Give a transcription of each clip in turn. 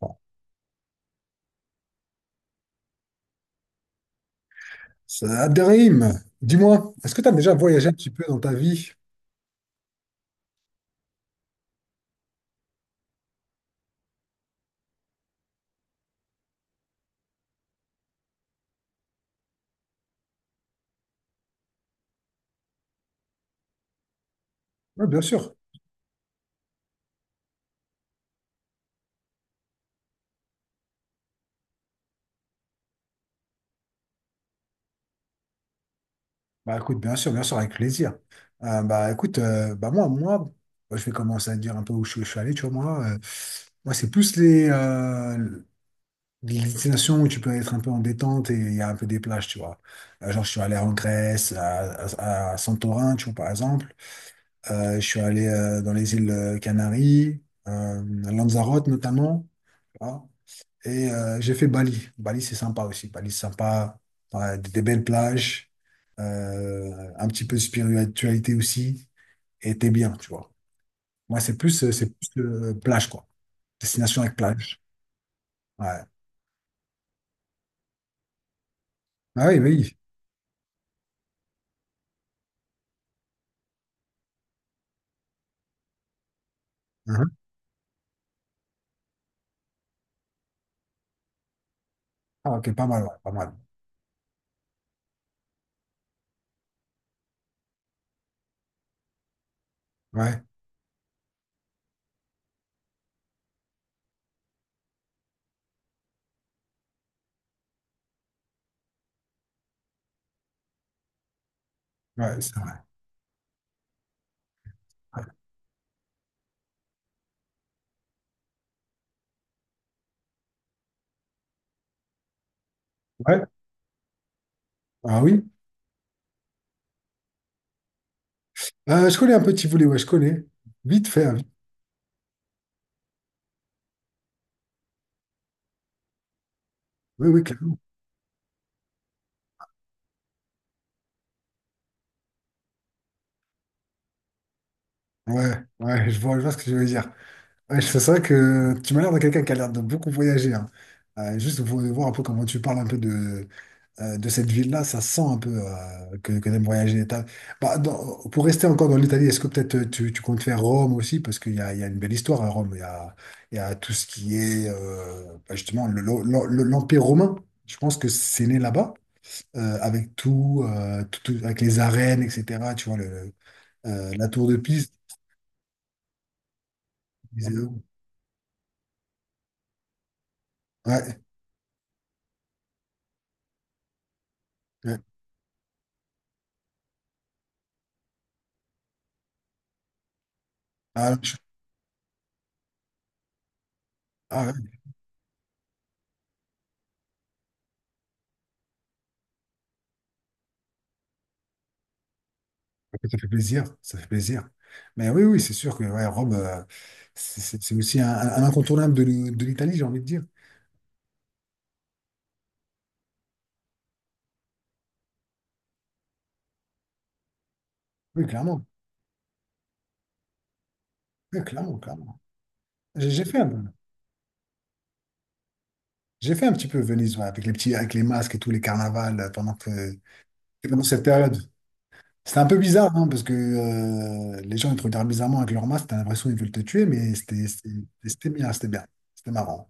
Bon, ça, Abderrahim, dis-moi, est-ce que tu as déjà voyagé un petit peu dans ta vie? Oui, bien sûr. Bah écoute, bien sûr, avec plaisir. Bah écoute, bah moi, bah, je vais commencer à te dire un peu où je suis allé, tu vois, moi. Moi, c'est plus les destinations où tu peux être un peu en détente et il y a un peu des plages, tu vois. Genre, je suis allé en Grèce, à Santorin, tu vois, par exemple. Je suis allé dans les îles Canaries, euh, à Lanzarote notamment. Et j'ai fait Bali. Bali, c'est sympa aussi. Bali, c'est sympa. Ouais, des belles plages, un petit peu de spiritualité aussi. Et t'es bien, tu vois. Moi, c'est plus plage, quoi. Destination avec plage. Ouais. Ah oui, oui. Mhm. Ah, ok, pas mal, ouais, pas mal. Ouais, ouais, c'est vrai. Ouais. Ouais. Ah oui. Je connais un peu Tivoli, ouais, je connais. Vite fait, hein, vite. Oui, oui, clairement. Ouais, ouais, je vois ce que je veux dire. Ouais, c'est vrai que tu m'as l'air de quelqu'un qui a l'air de beaucoup voyager, hein. Juste pour voir un peu comment tu parles un peu de cette ville-là, ça sent un peu que t'aimes voyager. Bah, pour rester encore dans l'Italie, est-ce que peut-être tu, tu comptes faire Rome aussi? Parce qu'il y a, il y a une belle histoire à Rome. Il y a tout ce qui est bah, justement l'Empire romain. Je pense que c'est né là-bas, avec tout, avec les arènes, etc. Tu vois, le, la tour de Pise. Ouais, ouais. Ah, je- ah, ouais. Ça fait plaisir, ça fait plaisir. Mais oui, oui, c'est sûr que ouais, Rome, c'est aussi un incontournable de de l'Italie, j'ai envie de dire. Oui, clairement. Oui, clairement, clairement. J'ai fait, j'ai fait un petit peu Venise, ouais, avec les petits, avec les masques et tous les carnavals pendant que, pendant cette période. C'était un peu bizarre, hein, parce que les gens ils te regardent bizarrement avec leurs masques, t'as l'impression qu'ils veulent te tuer, mais c'était bien, c'était bien, c'était marrant.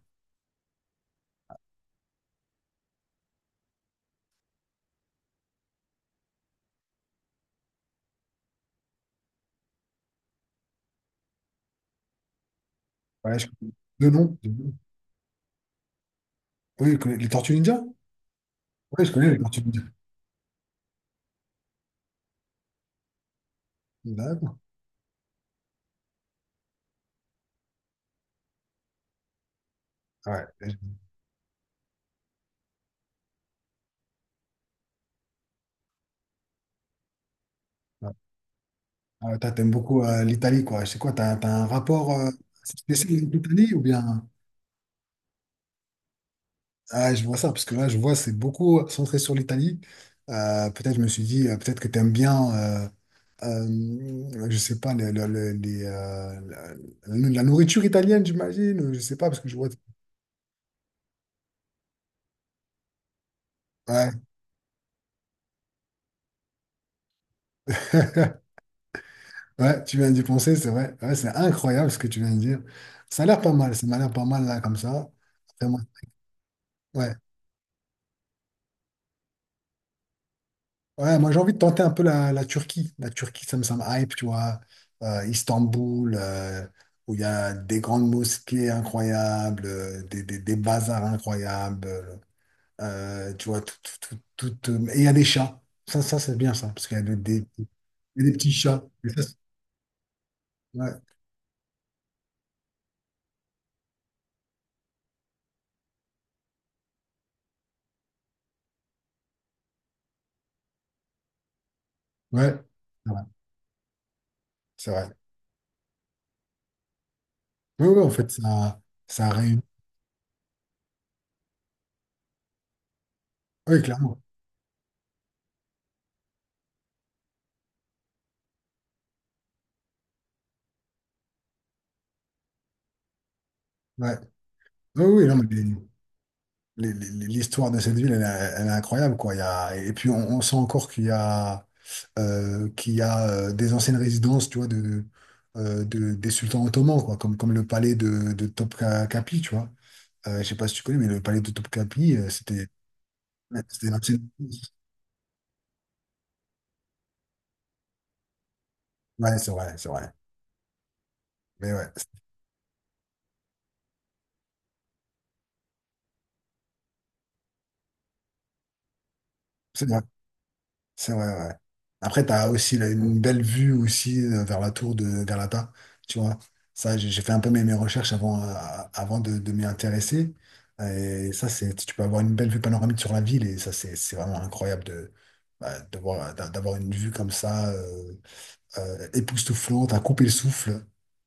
Ouais, je... De nom, de nom. Oui, je connais les Tortues Ninja? Oui, je connais les Tortues Ninja. D'accord. Ouais. Ah, toi, t'aimes beaucoup l'Italie, quoi. C'est quoi, t'as, t'as un rapport spécial avec l'Italie ou bien... Ah, je vois ça, parce que là, je vois, c'est beaucoup centré sur l'Italie. Peut-être, je me suis dit, peut-être que t'aimes bien, euh, je sais pas, les, la, la nourriture italienne, j'imagine. Ou je sais pas, parce que je vois... Ouais, ouais, tu viens d'y penser, c'est vrai. Ouais, c'est incroyable ce que tu viens de dire. Ça a l'air pas mal, ça m'a l'air pas mal, là, comme ça. Après, moi... ouais. Ouais, moi j'ai envie de tenter un peu la, la Turquie. La Turquie, ça me hype, tu vois. Istanbul, où il y a des grandes mosquées incroyables, des bazars incroyables, tu vois, tout, et il y a des chats. Ça c'est bien ça, parce qu'il y a il y a des petits chats. Ouais, ouais, c'est vrai. C'est vrai. Oui, oui, en fait, ça réunit. Oui, clairement. Ouais. Oui, oui, non, mais l'histoire de cette ville, elle est elle est incroyable, quoi. Il y a... Et puis, on sent encore qu'il y a qui a des anciennes résidences, tu vois, de, des sultans ottomans, quoi, comme le palais de Topkapi, tu vois. Je sais pas si tu connais, mais le palais de Topkapi, c'était ouais, c'était l'ancienne. Ouais, c'est vrai, c'est vrai. Mais ouais, c'est vrai. C'est vrai, ouais. Après, t'as aussi là, une belle vue aussi vers la tour de Galata, tu vois. Ça, j'ai fait un peu mes, mes recherches avant, avant de m'y intéresser. Et ça, c'est, tu peux avoir une belle vue panoramique sur la ville et ça, c'est vraiment incroyable de, bah, d'avoir une vue comme ça, époustouflante, à couper le souffle.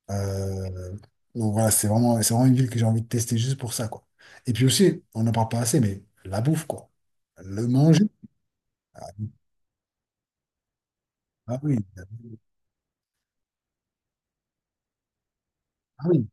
Euh, donc voilà, c'est vraiment une ville que j'ai envie de tester juste pour ça, quoi. Et puis aussi, on n'en parle pas assez, mais la bouffe, quoi. Le manger. Ah oui, ah oui.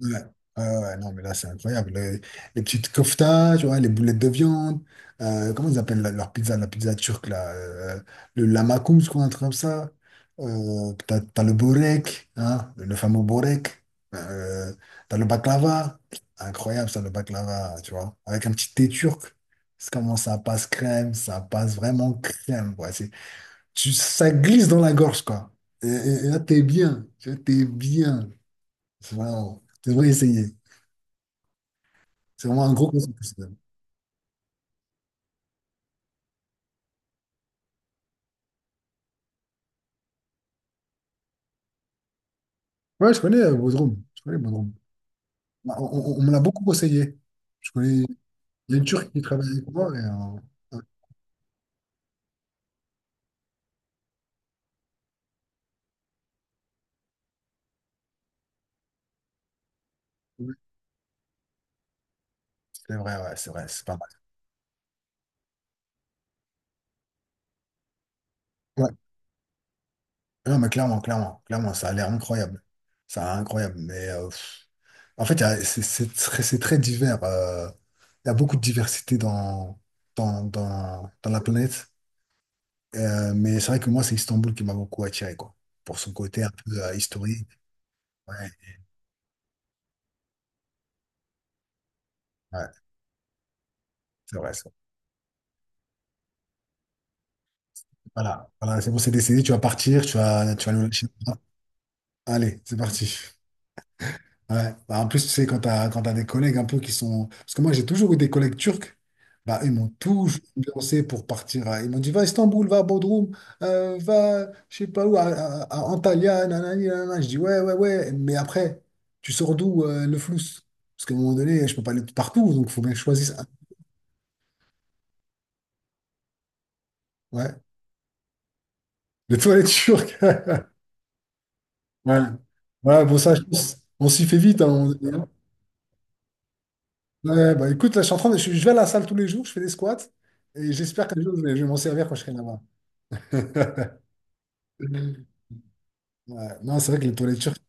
Ouais, ouais, non, mais là, c'est incroyable. Les petites koftas, tu vois, les boulettes de viande, comment ils appellent leur pizza, la pizza turque, là, le lamakoum, je crois, un truc comme ça. T'as le borek, hein, le fameux borek. Euh, T'as le baklava, incroyable ça, le baklava, tu vois, avec un petit thé turc. C'est comment ça passe crème, ça passe vraiment crème, quoi. C'est, tu, ça glisse dans la gorge, quoi. Et là, t'es bien, tu vois, t'es bien. C'est vraiment, tu devrais essayer. C'est vraiment un gros concept, ça. Ouais, je connais Bodrum. Je connais Bodrum. Bah, on me l'a beaucoup conseillé. Je connais... Il y a une Turque qui travaille avec moi. Et, euh, euh, c'est vrai, ouais, c'est vrai, c'est pas mal. Ouais. Non, mais clairement, clairement, clairement, ça a l'air incroyable. Ça a l'air incroyable. Mais pff, en fait, c'est très, c'est très divers. Il y a beaucoup de diversité dans la planète. Mais c'est vrai que moi, c'est Istanbul qui m'a beaucoup attiré, quoi. Pour son côté un peu historique. Ouais, ouais, c'est vrai. Voilà, voilà, c'est bon, c'est décidé, tu vas partir, tu vas nous lâcher. Allez, c'est parti. Ouais. Bah, en plus, tu sais, quand t'as des collègues un peu qui sont... Parce que moi, j'ai toujours eu des collègues turcs, bah, ils m'ont toujours lancé pour partir. Ils m'ont dit, va à Istanbul, va à Bodrum, va, je sais pas où, à Antalya, nanani, nanana. Je dis, ouais, ouais, ouais, mais après, tu sors d'où le flous? Parce qu'à un moment donné, je peux pas aller partout, donc il faut bien que je choisisse. Un. Ouais, le toilette turc. Ouais. Voilà, bon, ça, je pense, on s'y fait vite, hein. Ouais, bah écoute, là, je suis en train de- je vais à la salle tous les jours, je fais des squats et j'espère qu'un jour je vais m'en servir quand je serai là-bas. Ouais. Non, c'est vrai que les toilettes turques,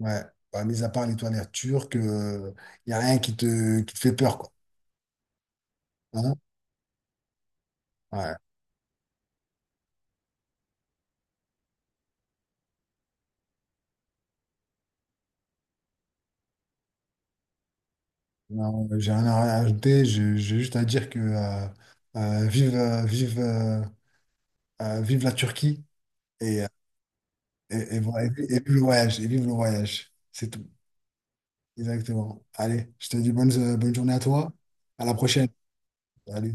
ouais, bah, mis à part les toilettes turques, il n'y a rien qui te, qui te fait peur, quoi. Hein. Ouais. Non, j'ai rien à rajouter, j'ai juste à dire que euh, vive, euh, vive, euh, vive la Turquie et, et voilà, et vive le voyage, et vive le voyage, c'est tout. Exactement. Allez, je te dis bonne journée à toi, à la prochaine. Salut.